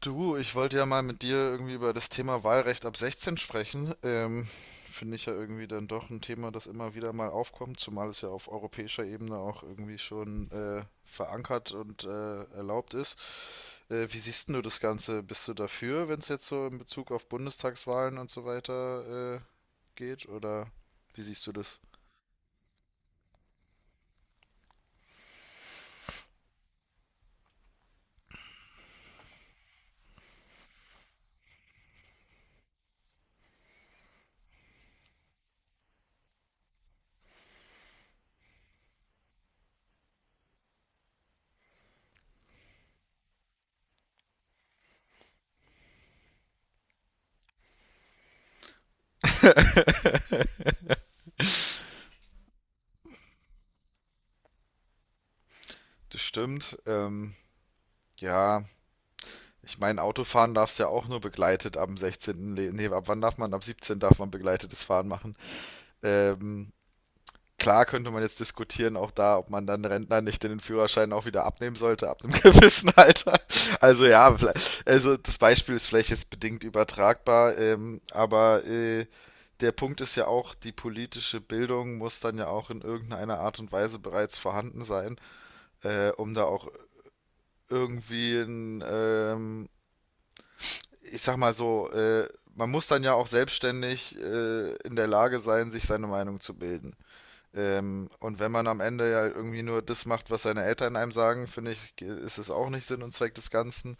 Du, ich wollte ja mal mit dir irgendwie über das Thema Wahlrecht ab 16 sprechen. Finde ich ja irgendwie dann doch ein Thema, das immer wieder mal aufkommt, zumal es ja auf europäischer Ebene auch irgendwie schon verankert und erlaubt ist. Wie siehst denn du das Ganze? Bist du dafür, wenn es jetzt so in Bezug auf Bundestagswahlen und so weiter geht? Oder wie siehst du das? Das stimmt. Ja, ich meine, Autofahren darfst du ja auch nur begleitet ab dem 16. Nee, ab wann darf man? Ab 17 darf man begleitetes Fahren machen. Ähm, klar könnte man jetzt diskutieren, auch da, ob man dann Rentner nicht den Führerschein auch wieder abnehmen sollte, ab einem gewissen Alter. Also ja, also das Beispiel ist vielleicht jetzt bedingt übertragbar, aber der Punkt ist ja auch, die politische Bildung muss dann ja auch in irgendeiner Art und Weise bereits vorhanden sein, um da auch irgendwie ich sag mal so, man muss dann ja auch selbstständig in der Lage sein, sich seine Meinung zu bilden. Und wenn man am Ende ja irgendwie nur das macht, was seine Eltern einem sagen, finde ich, ist es auch nicht Sinn und Zweck des Ganzen.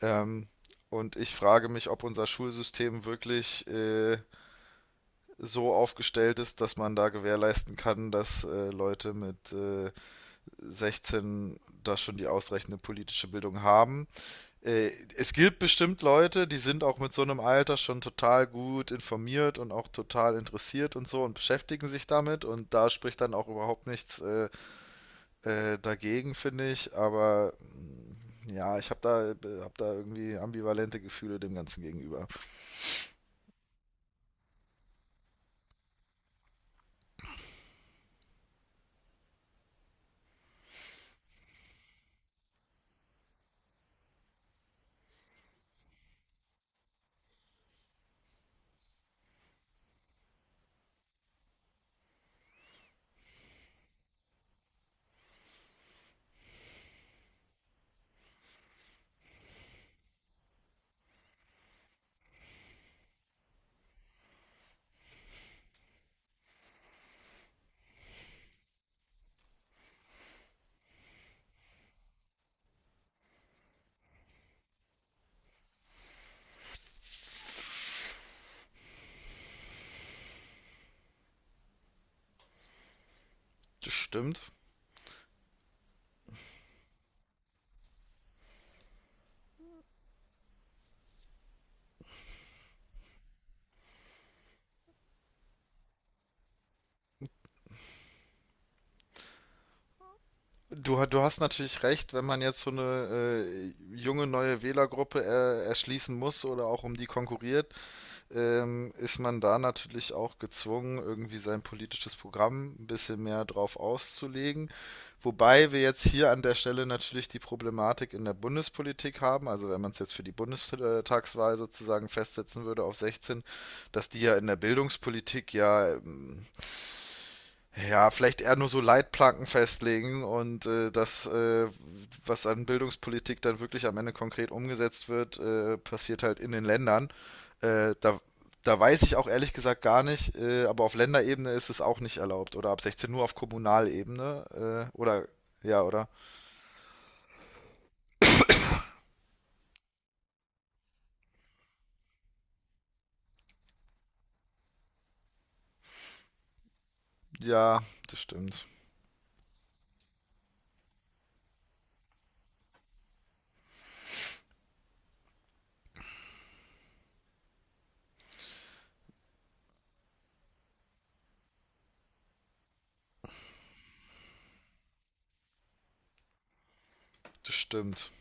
Ähm, und ich frage mich, ob unser Schulsystem wirklich so aufgestellt ist, dass man da gewährleisten kann, dass Leute mit 16 da schon die ausreichende politische Bildung haben. Äh, es gibt bestimmt Leute, die sind auch mit so einem Alter schon total gut informiert und auch total interessiert und so und beschäftigen sich damit. Und da spricht dann auch überhaupt nichts dagegen, finde ich, aber ja, ich hab da irgendwie ambivalente Gefühle dem Ganzen gegenüber. Das stimmt. Du, du hast natürlich recht, wenn man jetzt so eine junge neue Wählergruppe erschließen muss oder auch um die konkurriert, ist man da natürlich auch gezwungen, irgendwie sein politisches Programm ein bisschen mehr drauf auszulegen. Wobei wir jetzt hier an der Stelle natürlich die Problematik in der Bundespolitik haben, also wenn man es jetzt für die Bundestagswahl sozusagen festsetzen würde auf 16, dass die ja in der Bildungspolitik ja ja, vielleicht eher nur so Leitplanken festlegen und was an Bildungspolitik dann wirklich am Ende konkret umgesetzt wird, passiert halt in den Ländern. Äh, da, da weiß ich auch ehrlich gesagt gar nicht, aber auf Länderebene ist es auch nicht erlaubt oder ab 16 nur auf Kommunalebene oder? Ja, das stimmt. Das stimmt.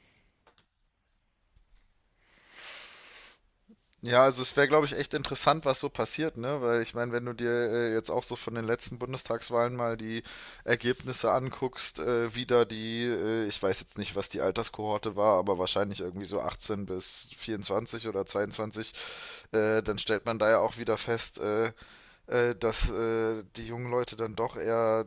Ja, also es wäre, glaube ich, echt interessant, was so passiert, ne? Weil ich meine, wenn du dir jetzt auch so von den letzten Bundestagswahlen mal die Ergebnisse anguckst, wie da die, ich weiß jetzt nicht, was die Alterskohorte war, aber wahrscheinlich irgendwie so 18 bis 24 oder 22, dann stellt man da ja auch wieder fest, dass die jungen Leute dann doch eher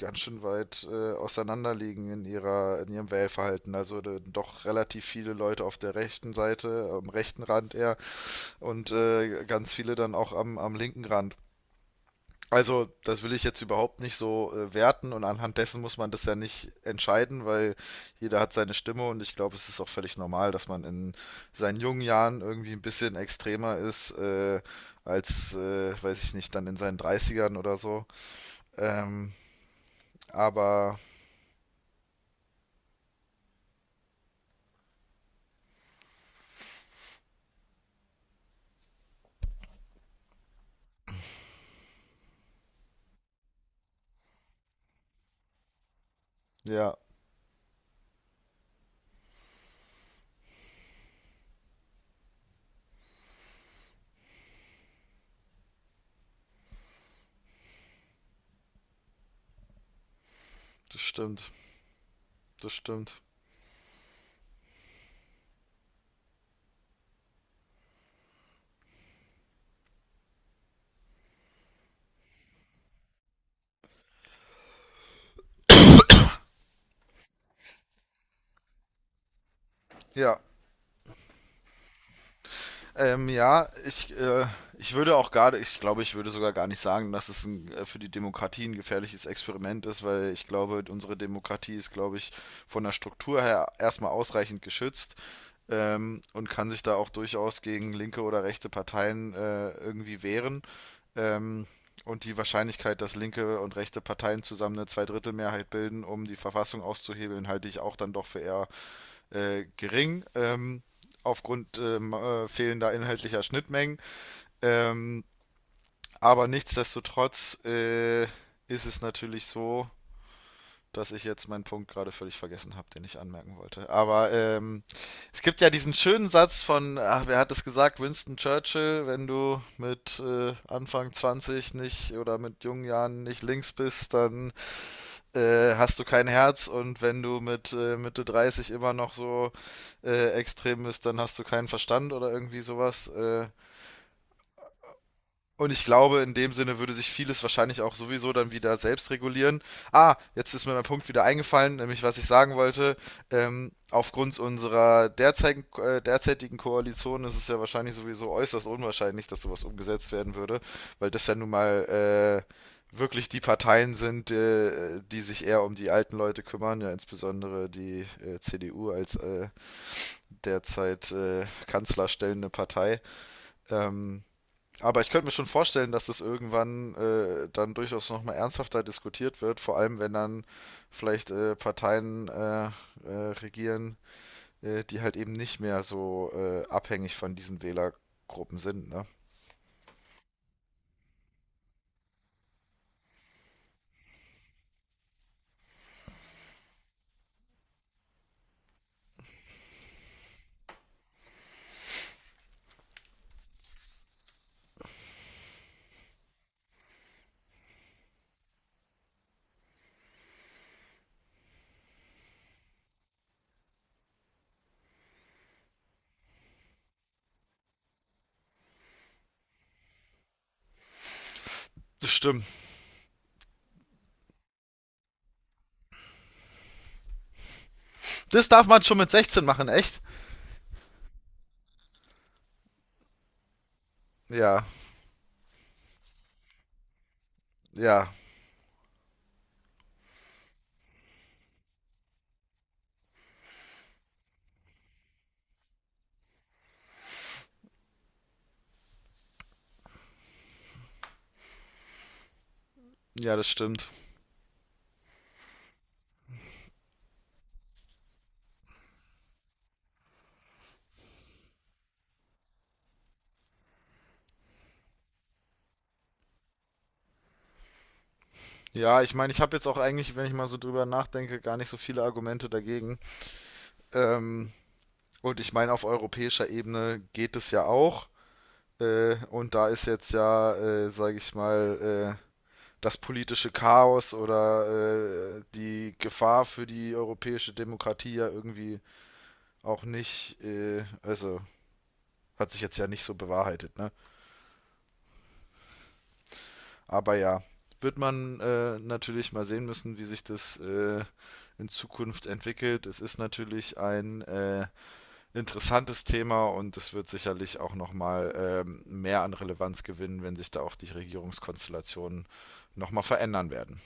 ganz schön weit auseinander liegen in ihrem Wählverhalten. Also doch relativ viele Leute auf der rechten Seite, am rechten Rand eher, und ganz viele dann auch am linken Rand. Also, das will ich jetzt überhaupt nicht so werten und anhand dessen muss man das ja nicht entscheiden, weil jeder hat seine Stimme und ich glaube, es ist auch völlig normal, dass man in seinen jungen Jahren irgendwie ein bisschen extremer ist als, weiß ich nicht, dann in seinen Dreißigern oder so. Ähm, aber ja, das stimmt, das stimmt. Ja, ja, ich würde auch gar, ich glaube, ich würde sogar gar nicht sagen, dass es für die Demokratie ein gefährliches Experiment ist, weil ich glaube, unsere Demokratie ist, glaube ich, von der Struktur her erstmal ausreichend geschützt und kann sich da auch durchaus gegen linke oder rechte Parteien irgendwie wehren. Ähm, und die Wahrscheinlichkeit, dass linke und rechte Parteien zusammen eine Zweidrittelmehrheit bilden, um die Verfassung auszuhebeln, halte ich auch dann doch für eher gering, aufgrund fehlender inhaltlicher Schnittmengen. Ähm, aber nichtsdestotrotz ist es natürlich so, dass ich jetzt meinen Punkt gerade völlig vergessen habe, den ich anmerken wollte. Aber es gibt ja diesen schönen Satz von, ach, wer hat es gesagt, Winston Churchill, wenn du mit Anfang 20 nicht oder mit jungen Jahren nicht links bist, dann hast du kein Herz und wenn du mit Mitte 30 immer noch so extrem bist, dann hast du keinen Verstand oder irgendwie sowas. Und ich glaube, in dem Sinne würde sich vieles wahrscheinlich auch sowieso dann wieder selbst regulieren. Ah, jetzt ist mir mein Punkt wieder eingefallen, nämlich was ich sagen wollte. Aufgrund unserer derzeitigen Koalition ist es ja wahrscheinlich sowieso äußerst unwahrscheinlich, dass sowas umgesetzt werden würde, weil das ja nun mal wirklich die Parteien sind, die sich eher um die alten Leute kümmern, ja insbesondere die CDU als derzeit kanzlerstellende Partei. Ähm, aber ich könnte mir schon vorstellen, dass das irgendwann dann durchaus nochmal ernsthafter diskutiert wird, vor allem wenn dann vielleicht Parteien regieren, die halt eben nicht mehr so abhängig von diesen Wählergruppen sind, ne? Das stimmt. Das darf man schon mit 16 machen, echt? Ja, ja, ja, das stimmt. Ja, ich meine, ich habe jetzt auch eigentlich, wenn ich mal so drüber nachdenke, gar nicht so viele Argumente dagegen. Ähm, und ich meine, auf europäischer Ebene geht es ja auch. Und da ist jetzt ja, sage ich mal, das politische Chaos oder die Gefahr für die europäische Demokratie ja irgendwie auch nicht, also hat sich jetzt ja nicht so bewahrheitet, ne? Aber ja, wird man natürlich mal sehen müssen, wie sich das in Zukunft entwickelt. Es ist natürlich ein interessantes Thema und es wird sicherlich auch nochmal mehr an Relevanz gewinnen, wenn sich da auch die Regierungskonstellationen nochmal verändern werden.